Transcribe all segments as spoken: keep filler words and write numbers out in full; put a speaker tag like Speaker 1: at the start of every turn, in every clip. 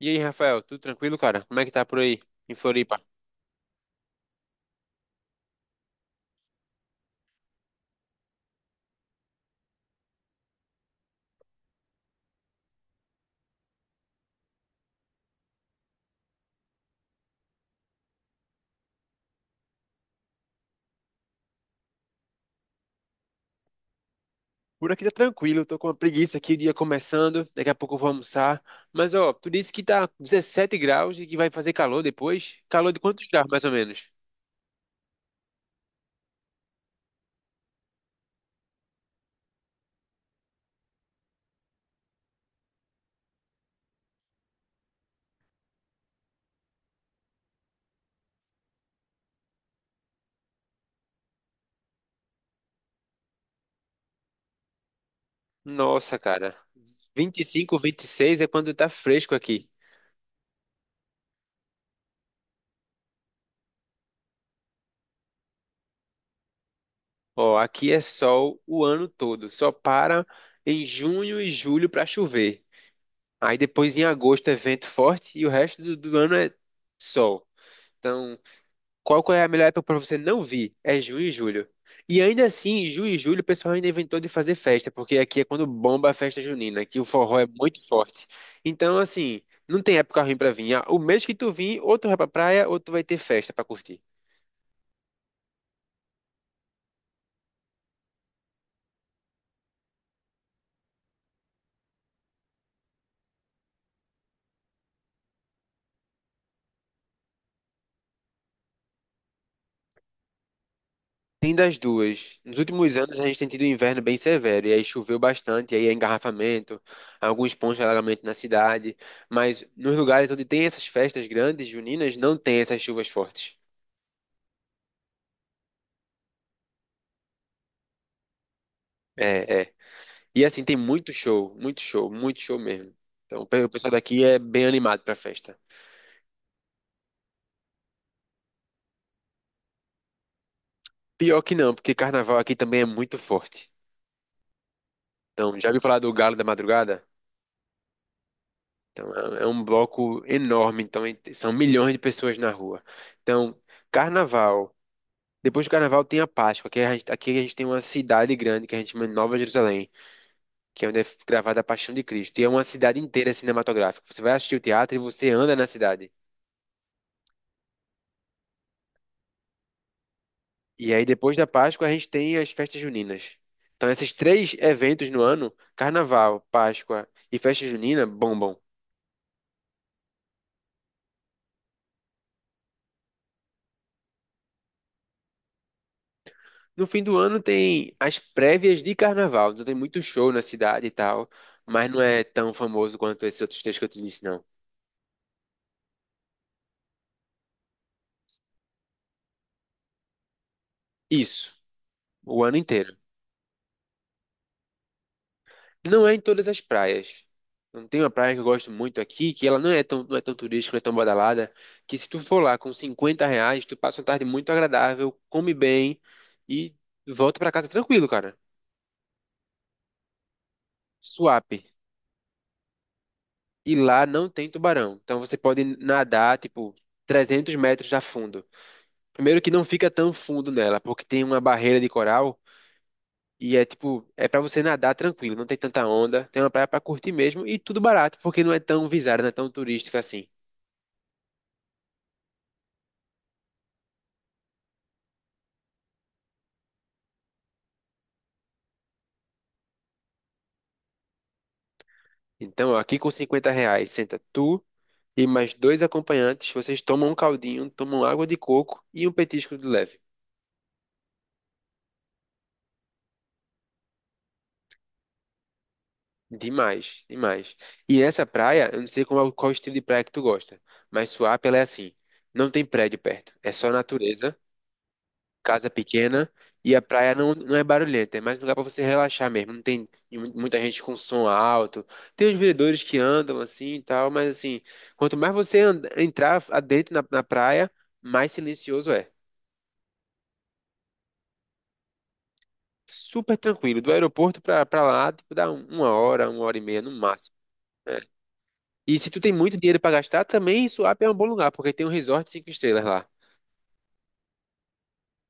Speaker 1: E aí, Rafael, tudo tranquilo, cara? Como é que tá por aí, em Floripa? Por aqui tá tranquilo, tô com uma preguiça aqui, o dia começando, daqui a pouco eu vou almoçar. Mas, ó, tu disse que tá 17 graus e que vai fazer calor depois? Calor de quantos graus, mais ou menos? Nossa, cara, vinte e cinco, vinte e seis é quando tá fresco aqui. Ó, aqui é sol o ano todo, só para em junho e julho pra chover. Aí depois em agosto é vento forte e o resto do, do ano é sol. Então, Qual que é a melhor época para você não vir? É junho e julho. E ainda assim, junho e julho, o pessoal ainda inventou de fazer festa, porque aqui é quando bomba a festa junina, que o forró é muito forte. Então, assim, não tem época ruim pra vir. Ah, O mês que tu vir, ou tu vai pra praia, ou tu vai ter festa pra curtir. Tem das duas. Nos últimos anos, a gente tem tido um inverno bem severo, e aí choveu bastante, e aí é engarrafamento, alguns pontos de alagamento na cidade. Mas nos lugares onde tem essas festas grandes, juninas, não tem essas chuvas fortes. É, é. E assim, tem muito show, muito show, muito show mesmo. Então, o pe- o pessoal daqui é bem animado pra festa. Pior que não, porque carnaval aqui também é muito forte. Então, já ouviu falar do Galo da Madrugada? Então, é é um bloco enorme, então e- são milhões de pessoas na rua. Então, carnaval. Depois do carnaval tem a Páscoa, que a gente- aqui a gente tem uma cidade grande que a gente chama de Nova Jerusalém, que é onde é gravada a Paixão de Cristo. E é uma cidade inteira cinematográfica. Você vai assistir o teatro e você anda na cidade. E aí, depois da Páscoa, a gente tem as festas juninas. Então, esses três eventos no ano, Carnaval, Páscoa e festa junina, bombam. No fim do ano tem as prévias de Carnaval. Então, tem muito show na cidade e tal, mas não é tão famoso quanto esses outros três que eu te disse, não. Isso, o ano inteiro. Não é em todas as praias. Não tem uma praia que eu gosto muito aqui, que ela não é tão, não é tão turística, não é tão badalada, que se tu for lá com cinquenta reais, tu passa uma tarde muito agradável, come bem e volta pra casa tranquilo, cara. Suape. E lá não tem tubarão. Então você pode nadar, tipo, trezentos metros a fundo. Primeiro que não fica tão fundo nela, porque tem uma barreira de coral e é tipo, é pra você nadar tranquilo, não tem tanta onda, tem uma praia pra curtir mesmo e tudo barato, porque não é tão visada, não é tão turística assim. Então, ó, aqui com cinquenta reais, senta tu e mais dois acompanhantes, vocês tomam um caldinho, tomam água de coco e um petisco de leve. Demais, demais. E essa praia, eu não sei qual, qual estilo de praia que tu gosta, mas Suape ela é assim, não tem prédio perto, é só natureza, casa pequena e a praia não, não é barulhenta, é mais um lugar para você relaxar mesmo, não tem mu- muita gente com som alto, tem os vendedores que andam assim e tal, mas assim, quanto mais você anda- entrar adentro na na praia, mais silencioso é. Super tranquilo. Do aeroporto pra, pra lá, tipo, dá um- uma hora, uma hora e meia no máximo. Né? E se tu tem muito dinheiro pra gastar, também Suape é um bom lugar, porque tem um resort cinco estrelas lá.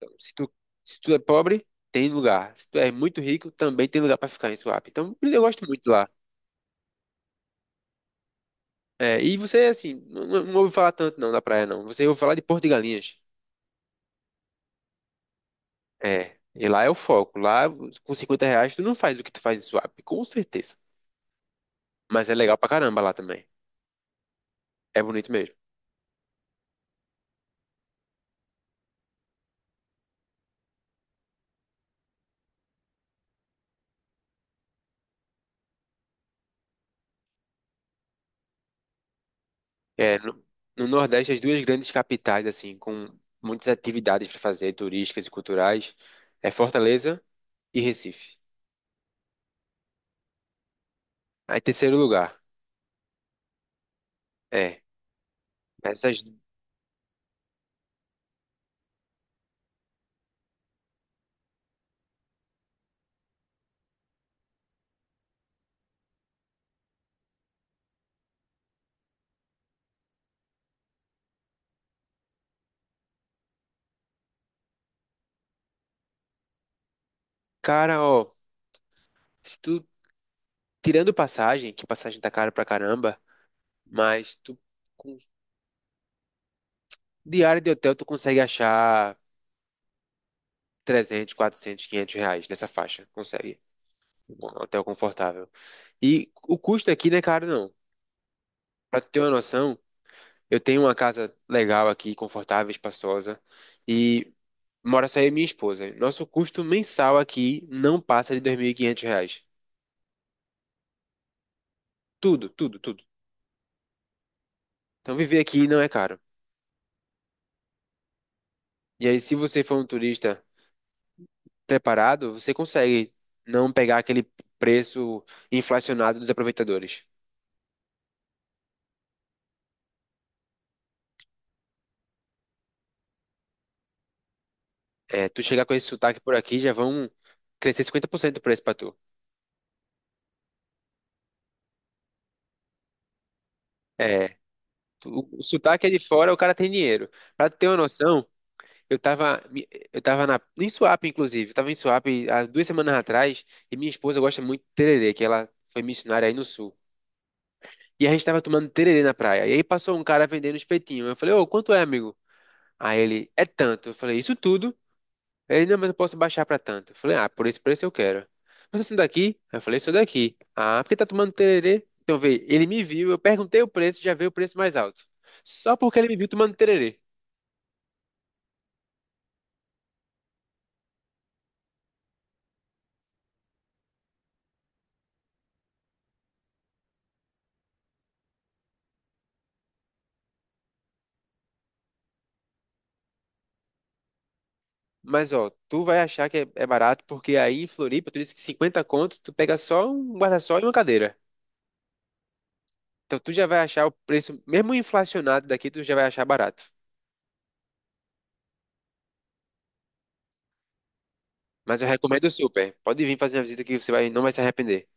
Speaker 1: Então, se tu, se tu é pobre, tem lugar. Se tu é muito rico, também tem lugar pra ficar em Suape. Então, eu gosto muito de lá. É, e você, assim, não, não não ouve falar tanto não da praia, não. Você ouve falar de Porto de Galinhas. É, e lá é o foco. Lá, com cinquenta reais, tu não faz o que tu faz em Suape, com certeza. Mas é legal pra caramba lá também. É bonito mesmo. É, no, no Nordeste, as duas grandes capitais, assim, com muitas atividades para fazer, turísticas e culturais, é Fortaleza e Recife. Aí, terceiro lugar, é. Essas, cara, ó, se tu, tirando passagem, que passagem tá cara pra caramba, mas tu, com diária de hotel, tu consegue achar trezentos quatrocentos quinhentos reais nessa faixa, consegue. Um hotel confortável. E o custo aqui não é caro, não. Pra tu ter uma noção, Eu tenho uma casa legal aqui, confortável, espaçosa, e mora só eu e minha esposa. Nosso custo mensal aqui não passa de dois mil e quinhentos reais. Tudo, tudo, tudo. Então viver aqui não é caro. E aí, se você for um turista preparado, você consegue não pegar aquele preço inflacionado dos aproveitadores. É, tu chegar com esse sotaque por aqui, já vão crescer cinquenta por cento do preço pra tu. É, tu- o sotaque é de fora, o cara tem dinheiro. Pra tu ter uma noção, Eu tava, me- eu tava na, em Suape, inclusive. Eu tava em Suape há duas semanas atrás e minha esposa gosta muito de tererê, que ela foi missionária aí no sul. E a gente tava tomando tererê na praia. E aí passou um cara vendendo espetinho. Eu falei, ô, quanto é, amigo? Aí ele, é tanto. Eu falei, isso tudo? Ele, não, mas eu posso baixar pra tanto. Eu falei, ah, por esse preço eu quero. Mas assim daqui? Aí Eu falei, sou daqui. Ah, porque tá tomando tererê? Então vê, ele me viu, eu perguntei o preço, já veio o preço mais alto. Só porque ele me viu tomando tererê. Mas ó, tu vai achar que é, é barato, porque aí em Floripa, tu disse que cinquenta conto, tu pega só um guarda-sol e uma cadeira. Então tu já vai achar o preço, mesmo inflacionado daqui, tu já vai achar barato. Mas eu recomendo super. Pode vir fazer uma visita que você vai, não vai se arrepender.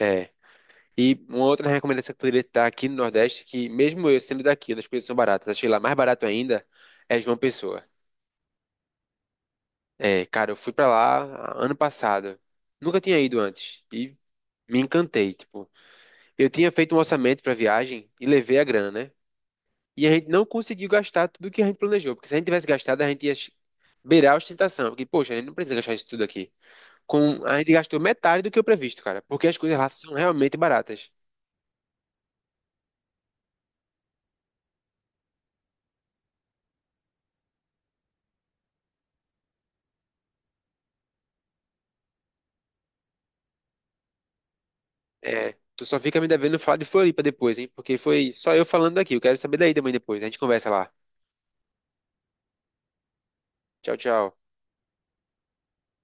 Speaker 1: É. E uma outra recomendação que poderia estar aqui no Nordeste, que mesmo eu sendo daqui, onde as coisas são baratas, achei lá mais barato ainda, é João Pessoa. É, cara, eu fui pra lá ano passado. Nunca tinha ido antes. E me encantei, tipo. Eu tinha feito um orçamento pra viagem e levei a grana, né? E a gente não conseguiu gastar tudo que a gente planejou, porque se a gente tivesse gastado, a gente ia che- beirar a ostentação. Porque, poxa, a gente não precisa gastar isso tudo aqui. Com, a gente gastou metade do que o previsto, cara, porque as coisas lá são realmente baratas. É, tu só fica me devendo falar de Floripa depois, hein? Porque foi só eu falando daqui. Eu quero saber daí também depois. A gente conversa lá. Tchau, tchau.